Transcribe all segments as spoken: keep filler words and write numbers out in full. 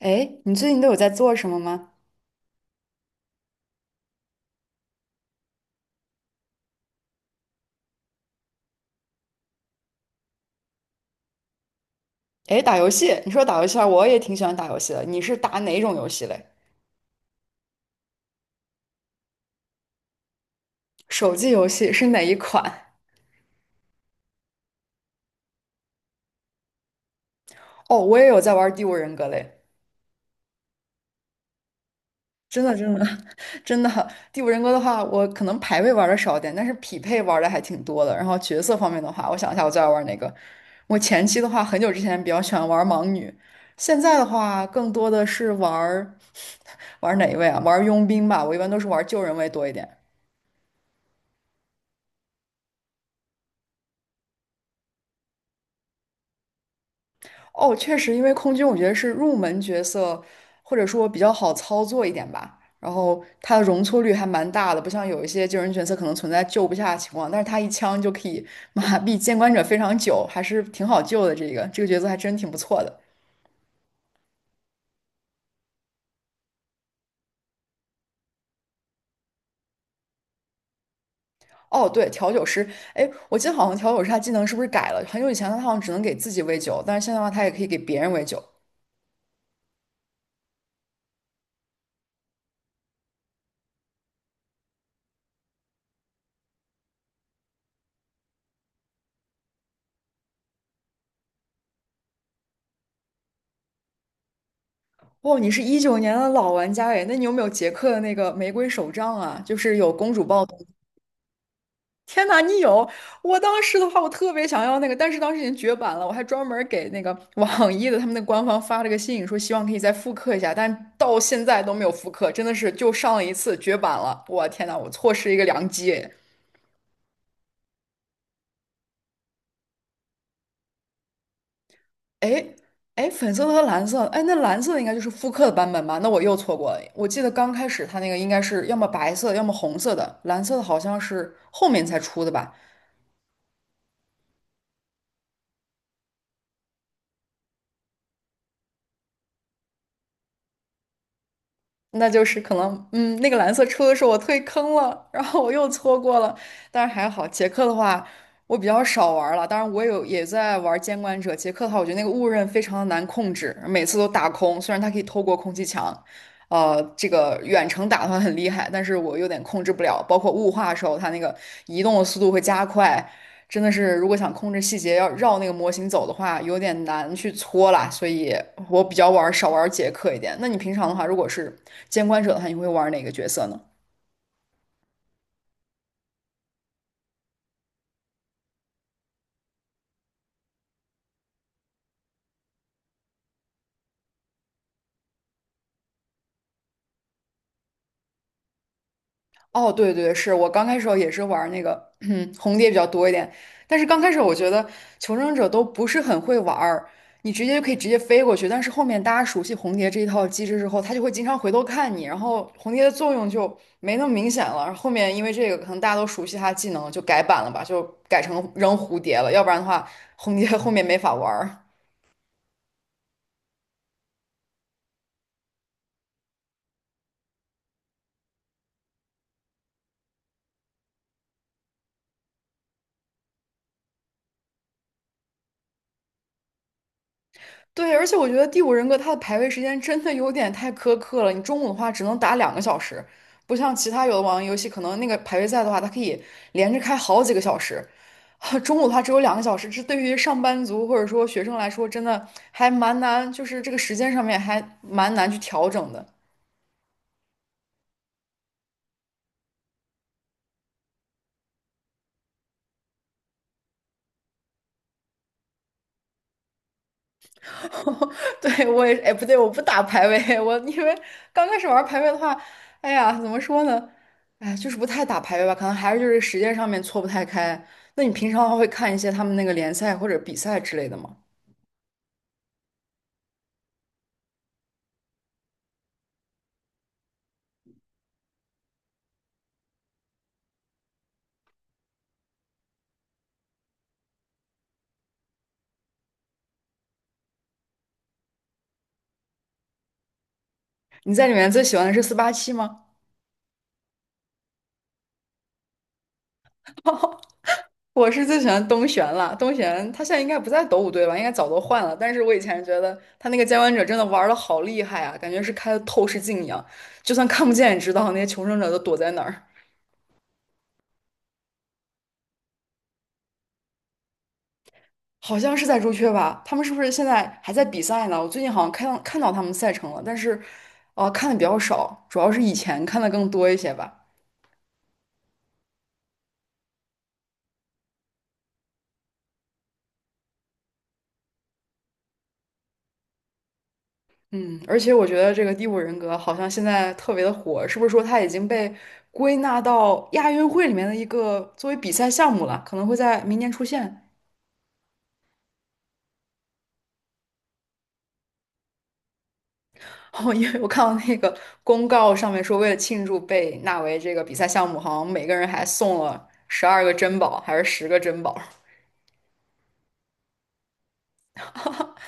哎，你最近都有在做什么吗？哎，打游戏，你说打游戏啊，我也挺喜欢打游戏的。你是打哪种游戏嘞？手机游戏是哪一款？哦，我也有在玩《第五人格》嘞，真的，真的 真的，《第五人格》的话，我可能排位玩的少点，但是匹配玩的还挺多的。然后角色方面的话，我想一下，我最爱玩哪个？我前期的话，很久之前比较喜欢玩盲女，现在的话，更多的是玩玩哪一位啊？玩佣兵吧，我一般都是玩救人位多一点。哦，确实，因为空军我觉得是入门角色，或者说比较好操作一点吧。然后它的容错率还蛮大的，不像有一些救人角色可能存在救不下的情况，但是他一枪就可以麻痹监管者非常久，还是挺好救的。这个这个角色还真挺不错的。哦，对，调酒师，哎，我记得好像调酒师他技能是不是改了？很久以前他好像只能给自己喂酒，但是现在的话他也可以给别人喂酒。哦，你是一九年的老玩家哎，那你有没有杰克的那个玫瑰手杖啊？就是有公主抱的。天呐，你有！我当时的话，我特别想要那个，但是当时已经绝版了。我还专门儿给那个 网易的他们的官方发了个信，说希望可以再复刻一下，但到现在都没有复刻，真的是就上了一次绝版了。我天呐，我错失一个良机诶！哎哎，粉色的和蓝色，哎，那蓝色的应该就是复刻的版本吧？那我又错过了。我记得刚开始它那个应该是要么白色，要么红色的，蓝色的好像是后面才出的吧？那就是可能，嗯，那个蓝色车候我退坑了，然后我又错过了。但是还好，捷克的话我比较少玩儿了。当然，我有也在玩监管者。捷克的话，我觉得那个雾刃非常的难控制，每次都打空。虽然它可以透过空气墙，呃，这个远程打的话很厉害，但是我有点控制不了。包括雾化的时候，它那个移动的速度会加快，真的是如果想控制细节，要绕那个模型走的话，有点难去搓啦。所以我比较玩少玩杰克一点。那你平常的话，如果是监管者的话，你会玩哪个角色呢？哦，对对，是我刚开始也是玩那个 红蝶比较多一点，但是刚开始我觉得求生者都不是很会玩儿，你直接就可以直接飞过去，但是后面大家熟悉红蝶这一套机制之后，他就会经常回头看你，然后红蝶的作用就没那么明显了。然后后面因为这个，可能大家都熟悉他的技能，就改版了吧，就改成扔蝴蝶了，要不然的话红蝶后面没法玩儿。对，而且我觉得《第五人格》它的排位时间真的有点太苛刻了。你中午的话只能打两个小时，不像其他有的网页游戏，可能那个排位赛的话，它可以连着开好几个小时。中午的话只有两个小时，这对于上班族或者说学生来说，真的还蛮难，就是这个时间上面还蛮难去调整的。对，我也，哎，不对，我不打排位，我因为刚开始玩排位的话，哎呀，怎么说呢？哎，就是不太打排位吧，可能还是就是时间上面错不太开。那你平常的话会看一些他们那个联赛或者比赛之类的吗？你在里面最喜欢的是四八七吗？我是最喜欢东玄了，东玄他现在应该不在斗五队吧，应该早都换了。但是我以前觉得他那个监管者真的玩的好厉害啊，感觉是开了透视镜一样，就算看不见也知道那些求生者都躲在哪儿。好像是在朱雀吧？他们是不是现在还在比赛呢？我最近好像看到看到他们赛程了，但是，呃，看的比较少，主要是以前看的更多一些吧。嗯，而且我觉得这个第五人格好像现在特别的火，是不是说它已经被归纳到亚运会里面的一个作为比赛项目了？可能会在明年出现。哦，因为我看到那个公告上面说，为了庆祝被纳为这个比赛项目，好像每个人还送了十二个珍宝，还是十个珍宝。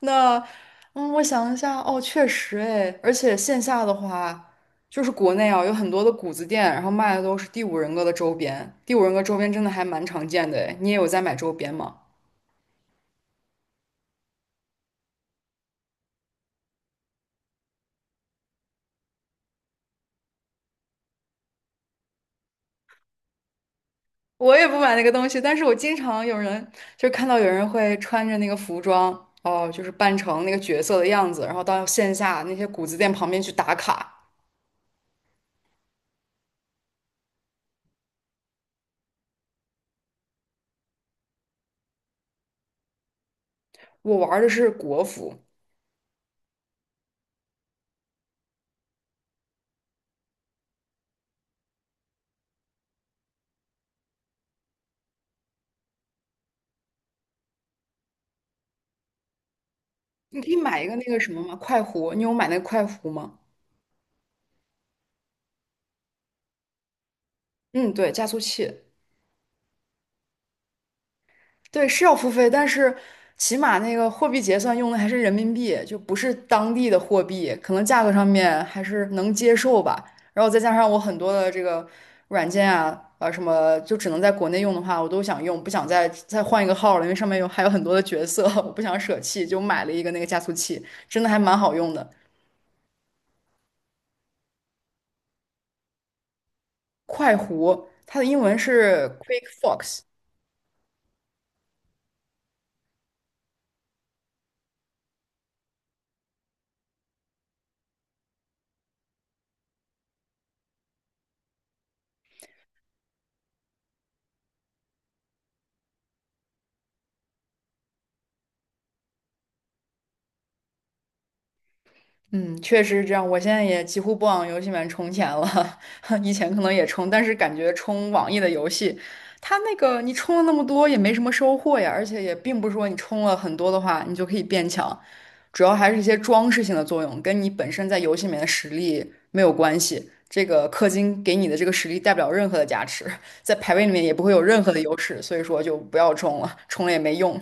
那，嗯，我想一下，哦，确实，哎，而且线下的话，就是国内啊，有很多的谷子店，然后卖的都是第五人格的周边。第五人格周边真的还蛮常见的，哎，你也有在买周边吗？我也不买那个东西，但是我经常有人就是看到有人会穿着那个服装，哦，就是扮成那个角色的样子，然后到线下那些谷子店旁边去打卡。我玩的是国服，你可以买一个那个什么吗？快壶，你有买那个快壶吗？嗯，对，加速器。对，是要付费，但是起码那个货币结算用的还是人民币，就不是当地的货币，可能价格上面还是能接受吧。然后再加上我很多的这个软件啊，啊什么就只能在国内用的话，我都想用，不想再再换一个号了，因为上面有还有很多的角色，我不想舍弃，就买了一个那个加速器，真的还蛮好用的。快狐，它的英文是 QuickFox，嗯，确实是这样。我现在也几乎不往游戏里面充钱了，以前可能也充，但是感觉充网易的游戏，它那个你充了那么多也没什么收获呀，而且也并不是说你充了很多的话你就可以变强，主要还是一些装饰性的作用，跟你本身在游戏里面的实力没有关系。这个氪金给你的这个实力带不了任何的加持，在排位里面也不会有任何的优势，所以说就不要充了，充了也没用。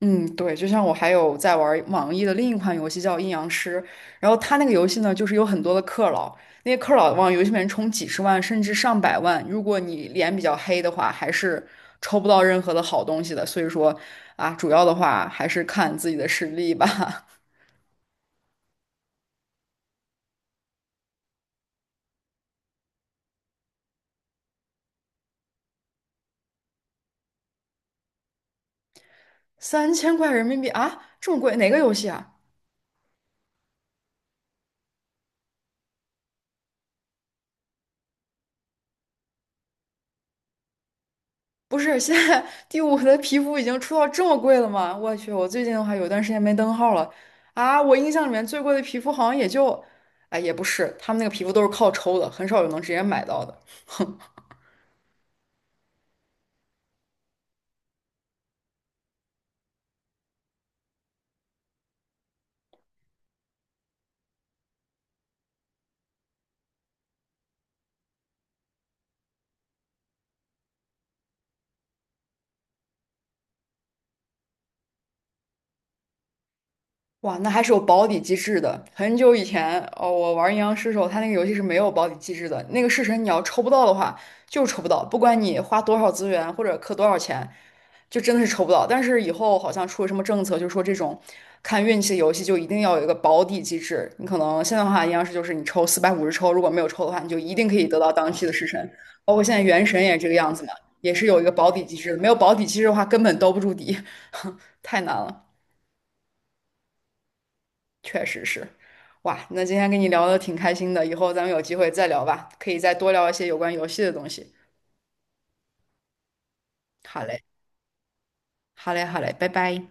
嗯，对，就像我还有在玩网易的另一款游戏叫《阴阳师》，然后它那个游戏呢，就是有很多的氪佬，那些氪佬往游戏里面充几十万甚至上百万，如果你脸比较黑的话，还是抽不到任何的好东西的。所以说啊，主要的话还是看自己的实力吧。三千块人民币啊，这么贵，哪个游戏啊？不是，现在第五的皮肤已经出到这么贵了吗？我去，我最近的话有段时间没登号了啊！我印象里面最贵的皮肤好像也就，哎，也不是，他们那个皮肤都是靠抽的，很少有能直接买到的。哼。哇，那还是有保底机制的。很久以前，哦，我玩阴阳师的时候，它那个游戏是没有保底机制的。那个式神你要抽不到的话，就是抽不到，不管你花多少资源或者氪多少钱，就真的是抽不到。但是以后好像出了什么政策，就说这种看运气的游戏就一定要有一个保底机制。你可能现在的话，阴阳师就是你抽四百五十抽，如果没有抽的话，你就一定可以得到当期的式神。包括现在原神也是这个样子嘛，也是有一个保底机制的。没有保底机制的话，根本兜不住底，太难了。确实是，哇，那今天跟你聊的挺开心的，以后咱们有机会再聊吧，可以再多聊一些有关游戏的东西。好嘞，好嘞，好嘞，拜拜。